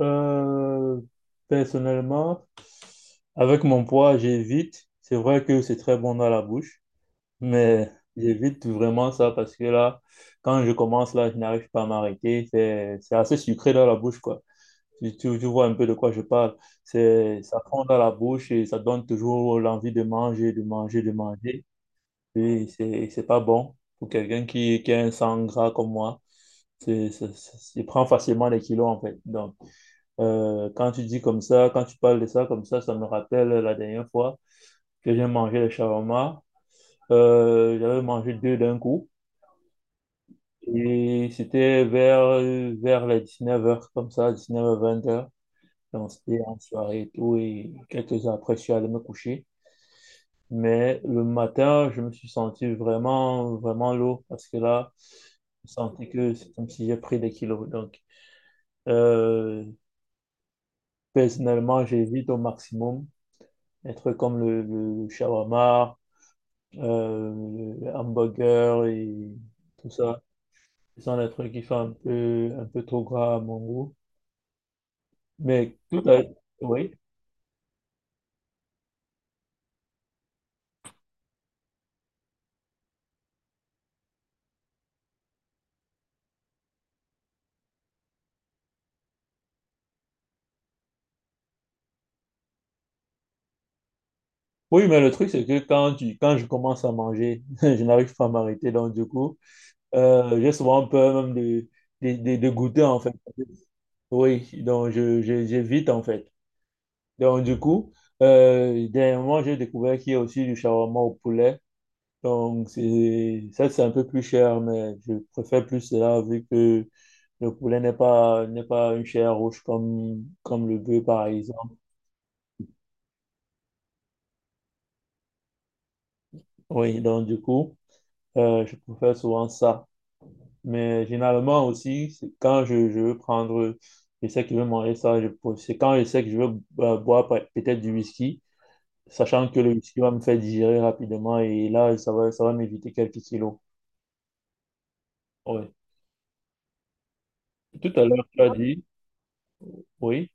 Euh, Personnellement, avec mon poids, j'évite. C'est vrai que c'est très bon dans la bouche, mais j'évite vraiment ça parce que là, quand je commence, là, je n'arrive pas à m'arrêter. C'est assez sucré dans la bouche, quoi. Tu vois un peu de quoi je parle. Ça fond dans la bouche et ça donne toujours l'envie de manger, de manger, de manger. Et c'est pas bon pour quelqu'un qui a un sang gras comme moi. Il prend facilement des kilos, en fait. Donc, quand tu dis comme ça, quand tu parles de ça comme ça me rappelle la dernière fois que j'ai mangé les shawarma. J'avais mangé deux d'un coup et c'était vers les 19 heures comme ça, 19h-20h. Donc c'était en soirée et tout et quelques heures après, je suis allé me coucher. Mais le matin, je me suis senti vraiment, vraiment lourd parce que là, je sentais que c'est comme si j'ai pris des kilos. Donc, euh, personnellement, j'évite au maximum des trucs comme le shawarma, le hamburger et tout ça. Ce sont des trucs qui font un peu trop gras à mon goût. Mais tout à... Oui. Oui, mais le truc, c'est que quand je commence à manger, je n'arrive pas à m'arrêter. Donc, du coup, j'ai souvent peur même de goûter, en fait. Oui, donc j'évite, en fait. Donc, du coup, dernièrement, j'ai découvert qu'il y a aussi du shawarma au poulet. Donc, ça, c'est un peu plus cher, mais je préfère plus cela vu que le poulet n'est pas une chair rouge comme le bœuf, par exemple. Oui, donc du coup, je préfère souvent ça. Mais généralement aussi, c'est quand je veux prendre, je sais que je veux manger ça, c'est quand je sais que je veux boire peut-être du whisky, sachant que le whisky va me faire digérer rapidement et là, ça va m'éviter quelques kilos. Oui. Tout à l'heure, tu as dit, oui.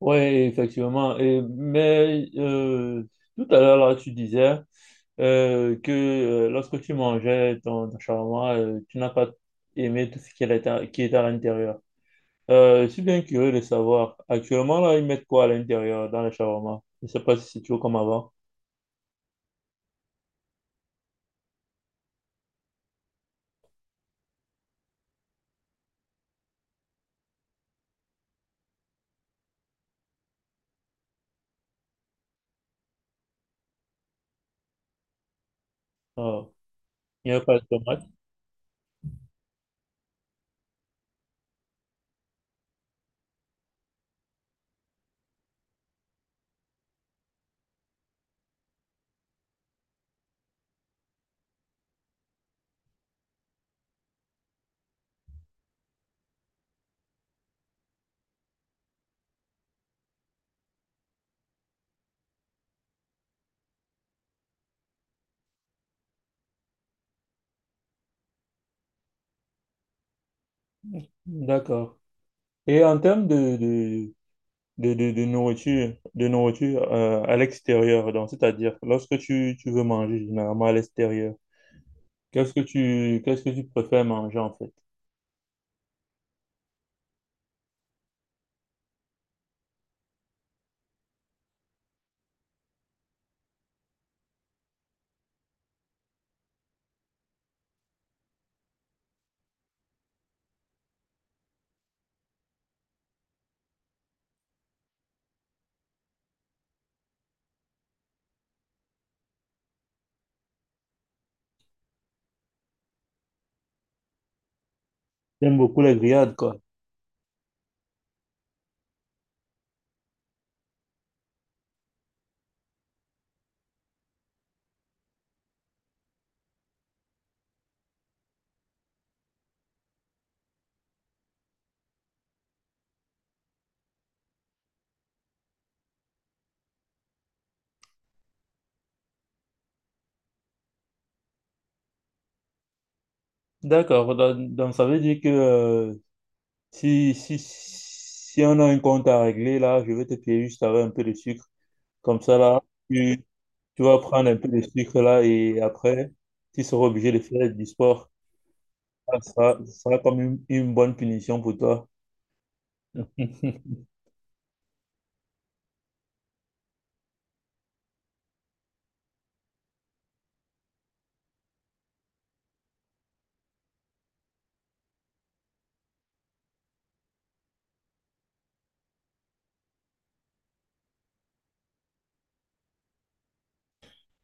Oui, effectivement. Mais tout à l'heure, là, tu disais que lorsque tu mangeais ton shawarma, tu n'as pas aimé tout ce qui était qui était à l'intérieur. Je suis bien curieux de savoir. Actuellement, là, ils mettent quoi à l'intérieur dans le shawarma? Je ne sais pas si c'est toujours comme avant. Ah, il n'y a pas de tomate. D'accord. Et en termes de nourriture, de nourriture, à l'extérieur. Donc, c'est-à-dire, lorsque tu veux manger généralement à l'extérieur, qu'est-ce que tu préfères manger en fait? J'aime beaucoup les grillades, quoi. D'accord. Donc, ça veut dire que si on a un compte à régler, là, je vais te payer juste avec un peu de sucre. Comme ça, là, tu, tu vas prendre un peu de sucre, là, et après, tu seras obligé de faire du sport. Ça sera comme une bonne punition pour toi.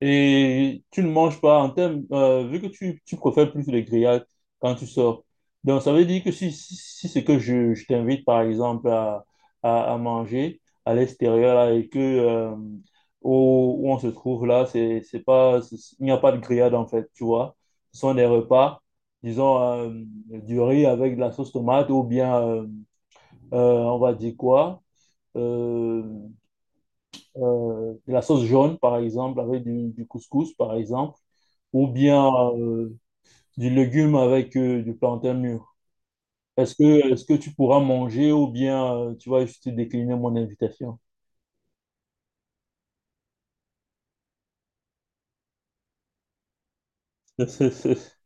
Et tu ne manges pas en termes, vu que tu préfères plus les grillades quand tu sors. Donc, ça veut dire que si c'est que je t'invite, par exemple, à manger à l'extérieur là, et que où on se trouve là, c'est pas, c'est- il n'y a pas de grillade en fait, tu vois. Ce sont des repas, disons, du riz avec de la sauce tomate ou bien, on va dire quoi? euh, de la sauce jaune, par exemple, avec du couscous, par exemple, ou bien euh, du légume avec du plantain mûr. Est-ce que tu pourras manger ou bien tu vas juste décliner mon invitation?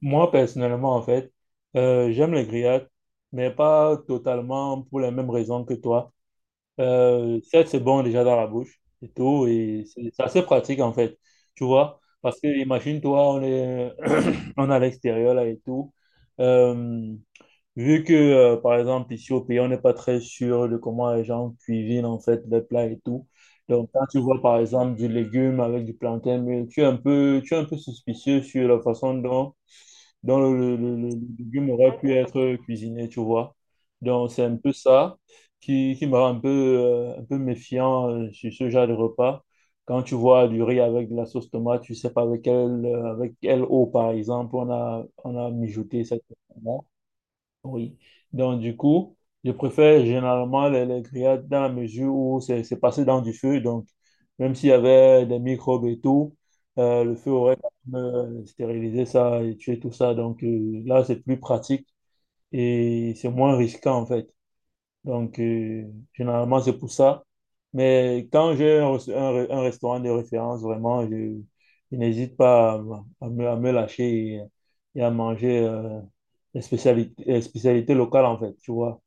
Moi, personnellement, en fait, j'aime les grillades, mais pas totalement pour les mêmes raisons que toi. 7, c'est bon déjà dans la bouche et tout. Et c'est assez pratique en fait, tu vois. Parce que imagine-toi, on est, on est à l'extérieur là et tout. Euh, Vu que, par exemple, ici au pays, on n'est pas très sûr de comment les gens cuisinent en fait les plats et tout. Donc, quand tu vois par exemple du légume avec du plantain, mais tu es un peu suspicieux sur la façon dont le légume aurait pu être cuisiné, tu vois. Donc, c'est un peu ça qui me rend un peu méfiant sur ce genre de repas. Quand tu vois du riz avec de la sauce tomate, tu sais pas avec quelle eau, par exemple, on a mijoté cette tomate. Oui. Donc, du coup, je préfère généralement les grillades dans la mesure où c'est passé dans du feu. Donc, même s'il y avait des microbes et tout, le feu aurait quand même, stérilisé ça et tué tout ça. Donc, là, c'est plus pratique et c'est moins risquant, en fait. Donc, généralement, c'est pour ça. Mais quand j'ai un restaurant de référence, vraiment, je n'hésite pas à me lâcher et à manger les spécialités, locales, en fait, tu vois.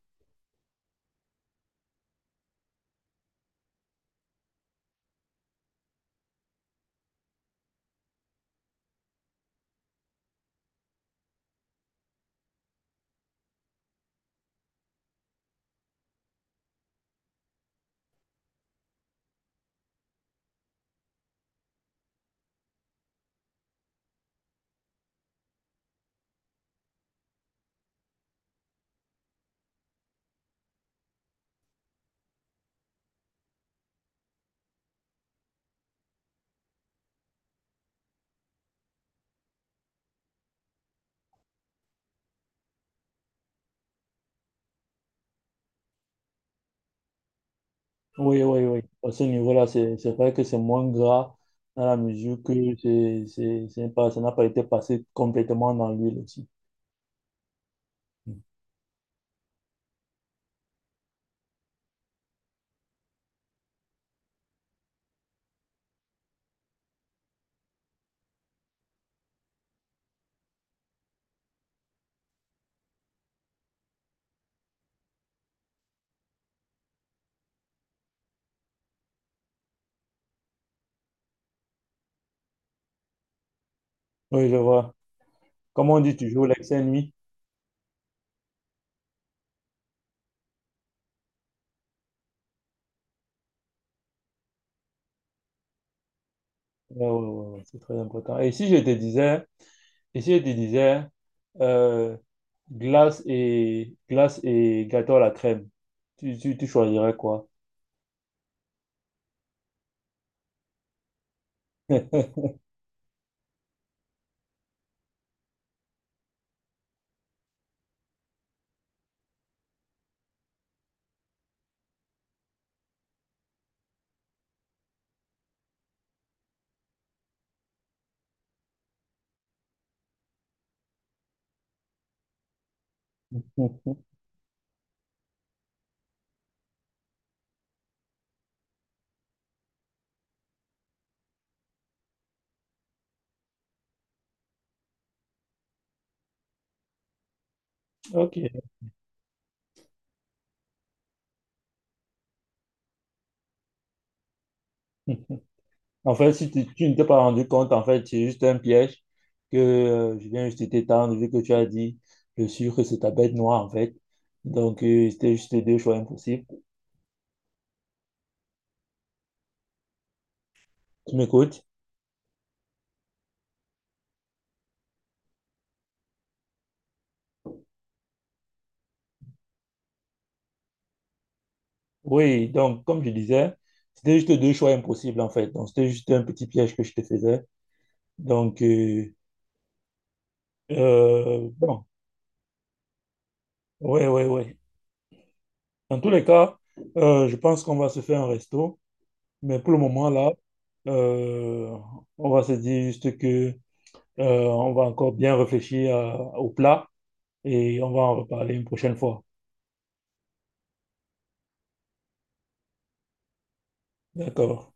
Oui, oui, oui. À ce niveau-là, c'est vrai que c'est moins gras dans la mesure que c'est pas, ça n'a pas été passé complètement dans l'huile aussi. Mm. Oui, je vois. Comme on dit toujours, l'excès nuit. Ouais, ouais, ouais, ouais, c'est très important. Et si je te disais Ici, je te disais, euh, glace glace et gâteau à la crème. Tu choisirais quoi? Ok. En fait, si tu ne t'es pas rendu compte, en fait, c'est juste un piège que je viens juste t'étendre, vu que tu as dit le sucre, c'est ta bête noire, en fait. Donc, c'était juste deux choix impossibles. Tu m'écoutes? Oui, donc, comme je disais, c'était juste deux choix impossibles, en fait. Donc, c'était juste un petit piège que je te faisais. Donc, bon. Oui, oui, oui. Dans tous les cas, je pense qu'on va se faire un resto. Mais pour le moment, là, euh, on va se dire juste que, on va encore bien réfléchir au plat et on va en reparler une prochaine fois. D'accord.